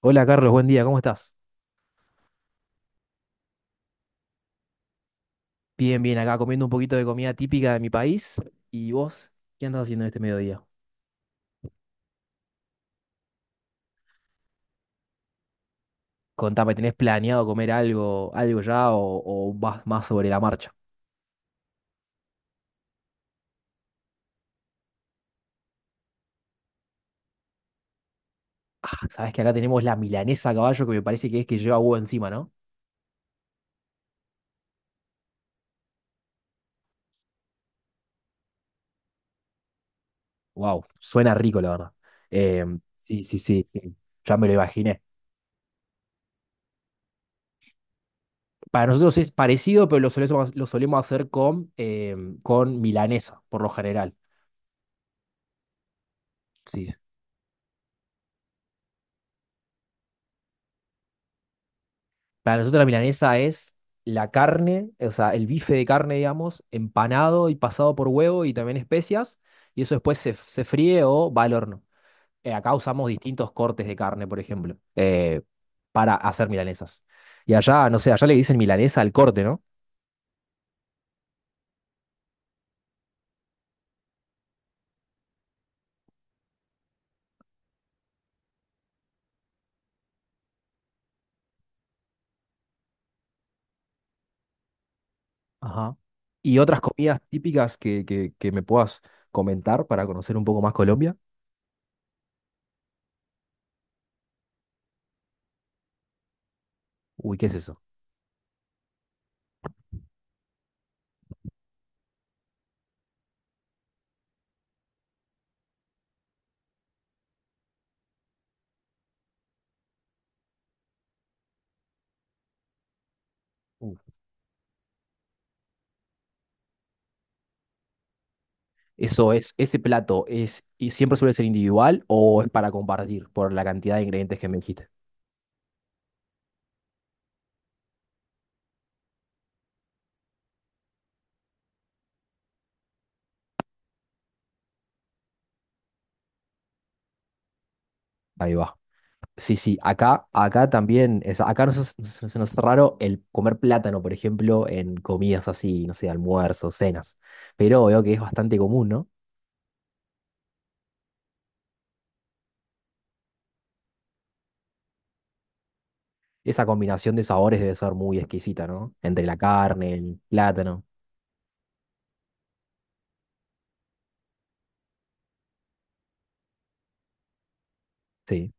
Hola Carlos, buen día, ¿cómo estás? Bien, bien, acá comiendo un poquito de comida típica de mi país. ¿Y vos qué andás haciendo en este mediodía? Contame, ¿tenés planeado comer algo, algo ya, o vas más sobre la marcha? Ah, sabés que acá tenemos la milanesa a caballo que me parece que es que lleva huevo encima, ¿no? Wow, suena rico, la verdad. Sí, sí, sí, sí. Ya me lo imaginé. Para nosotros es parecido, pero lo solemos hacer con, con milanesa, por lo general. Sí. Para nosotros la milanesa es la carne, o sea, el bife de carne, digamos, empanado y pasado por huevo y también especias, y eso después se fríe o va al horno. Acá usamos distintos cortes de carne, por ejemplo, para hacer milanesas. Y allá, no sé, allá le dicen milanesa al corte, ¿no? Ajá. Y otras comidas típicas que me puedas comentar para conocer un poco más Colombia. Uy, ¿qué es eso? Eso es, ese plato es, y siempre suele ser individual o es para compartir por la cantidad de ingredientes que me dijiste. Ahí va. Sí, sí, acá también, es- acá nos, hace- se nos hace raro el comer plátano, por ejemplo, en comidas así, no sé, almuerzos, cenas. Pero veo que es bastante común, ¿no? Esa combinación de sabores debe ser muy exquisita, ¿no? Entre la carne, el plátano. Sí.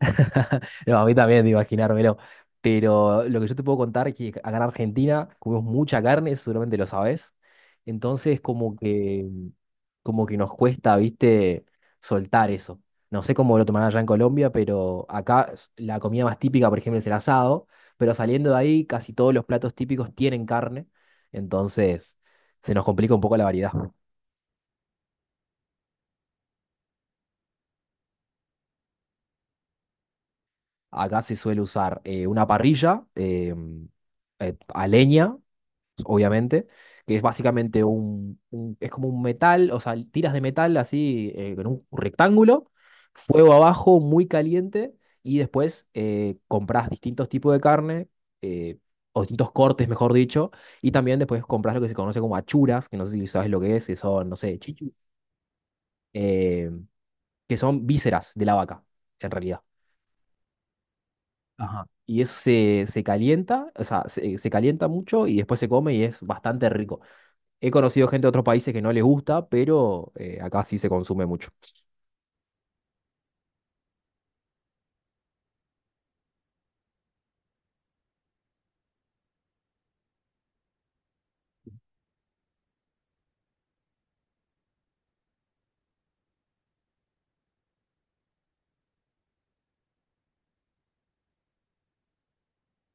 No, a mí también, de imaginármelo. Pero lo que yo te puedo contar es que acá en Argentina comemos mucha carne, eso seguramente lo sabes. Entonces, como que nos cuesta, viste, soltar eso. No sé cómo lo tomarán allá en Colombia, pero acá s- la comida más típica, por ejemplo, es el asado. Pero saliendo de ahí, casi todos los platos típicos tienen carne. Entonces, se nos complica un poco la variedad. Acá se suele usar una parrilla a leña obviamente, que es básicamente un- es como un metal, o sea, tiras de metal así en un rectángulo, fuego abajo, muy caliente, y después compras distintos tipos de carne, eh, o distintos cortes, mejor dicho, y también después compras lo que se conoce como achuras, que no sé si sabes lo que es, que son, no sé, chichu, eh, que son vísceras de la vaca, en realidad. Ajá. Y eso se calienta, o sea, se calienta mucho y después se come y es bastante rico. He conocido gente de otros países que no les gusta, pero acá sí se consume mucho.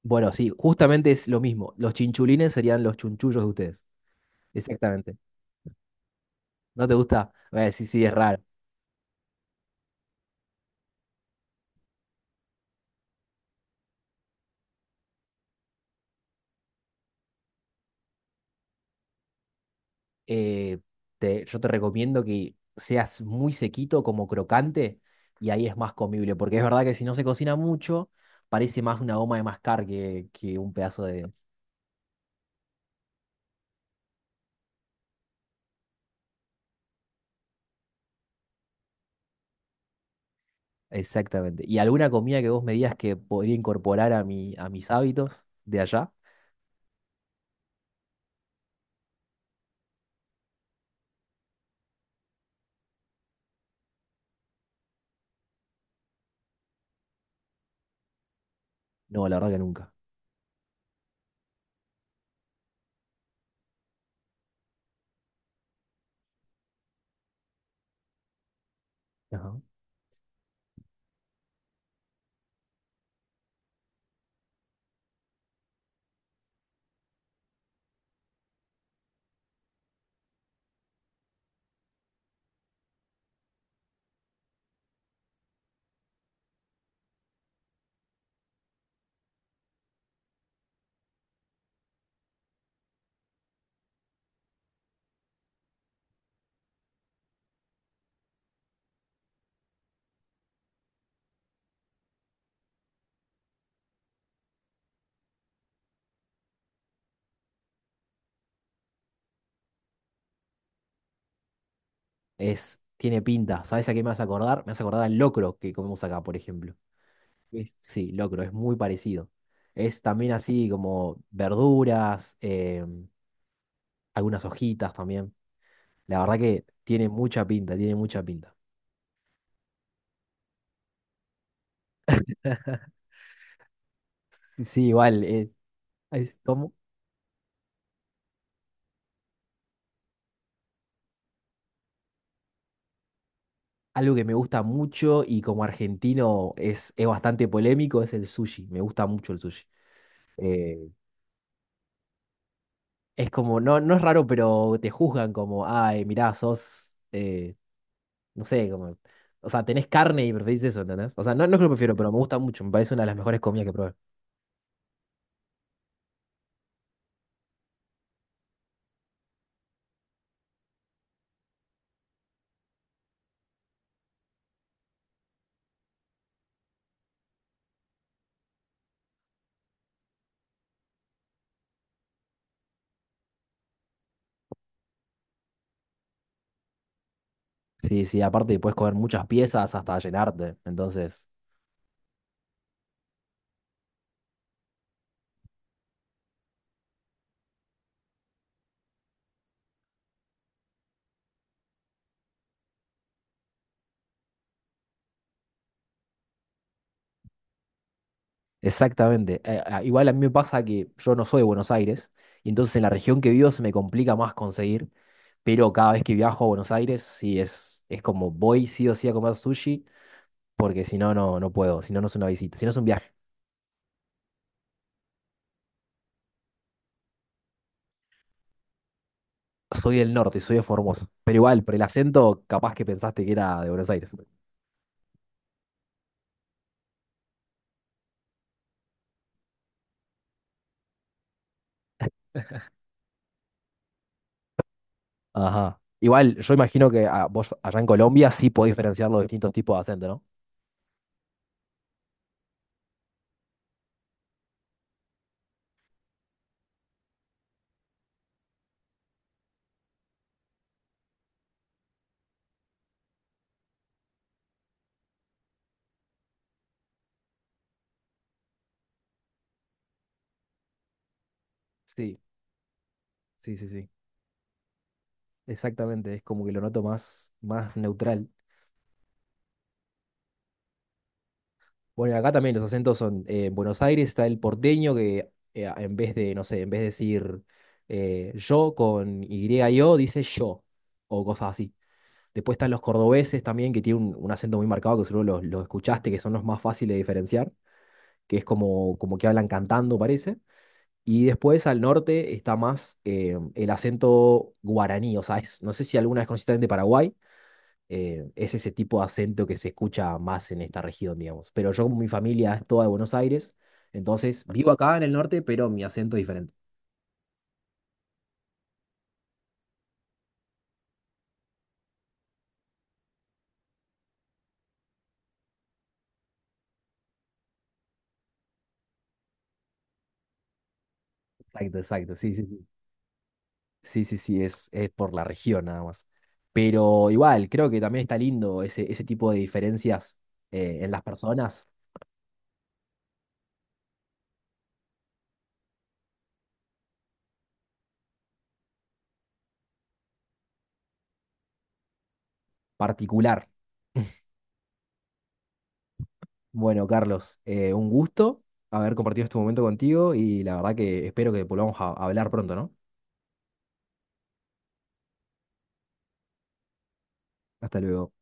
Bueno, sí, justamente es lo mismo. Los chinchulines serían los chunchullos de ustedes. Exactamente. ¿No te gusta? Sí, sí, es raro. Eh, yo te recomiendo que seas muy sequito, como crocante, y ahí es más comible, porque es verdad que si no se cocina mucho, parece más una goma de mascar que un pedazo de... Exactamente. ¿Y alguna comida que vos me digas que podría incorporar a mi, a mis hábitos de allá? No, la verdad que nunca. Ajá. Es, tiene pinta. ¿Sabes a qué me vas a acordar? Me vas a acordar al locro que comemos acá, por ejemplo. Sí. Sí, locro, es muy parecido. Es también así como verduras, algunas hojitas también. La verdad que tiene mucha pinta, tiene mucha pinta. Sí, igual, es como algo que me gusta mucho y como argentino es bastante polémico, es el sushi. Me gusta mucho el sushi. Eh, es como, no, no es raro, pero te juzgan como, ay, mirá, sos... No sé, como. O sea, tenés carne y preferís eso, ¿entendés? O sea, no, no es que lo prefiero, pero me gusta mucho. Me parece una de las mejores comidas que probé. Sí, sí, aparte puedes comer muchas piezas hasta llenarte. Entonces, exactamente. Igual a mí me pasa que yo no soy de Buenos Aires, y entonces en la región que vivo se me complica más conseguir. Pero cada vez que viajo a Buenos Aires, sí es como voy sí o sí a comer sushi, porque si no, no, no puedo. Si no, no es una visita, si no es un viaje. Soy del norte, soy de Formosa. Pero igual, por el acento, capaz que pensaste que era de Buenos Aires. Ajá. Igual, yo imagino que vos allá en Colombia sí podés diferenciar los distintos tipos de acento, ¿no? Sí, sí, sí, sí. Exactamente, es como que lo noto más, más neutral. Bueno, y acá también los acentos son, en Buenos Aires está el porteño que a- en vez de, no sé, en vez de decir yo con Y-O, dice yo, o cosas así. Después están los cordobeses también, que tienen un acento muy marcado, que seguro los escuchaste, que son los más fáciles de diferenciar, que es como, como que hablan cantando, parece. Y después al norte está más el acento guaraní, o sea, es- no sé si alguna vez conociste también de Paraguay, es ese tipo de acento que se escucha más en esta región, digamos. Pero yo, como mi familia es toda de Buenos Aires, entonces vivo acá en el norte, pero mi acento es diferente. Exacto, exacto, sí, sí, sí. Sí, sí, sí, es por la región nada más. Pero igual, creo que también está lindo ese, ese tipo de diferencias en las personas, particular. Bueno, Carlos, un gusto haber compartido este momento contigo y la verdad que espero que volvamos a hablar pronto, ¿no? Hasta luego.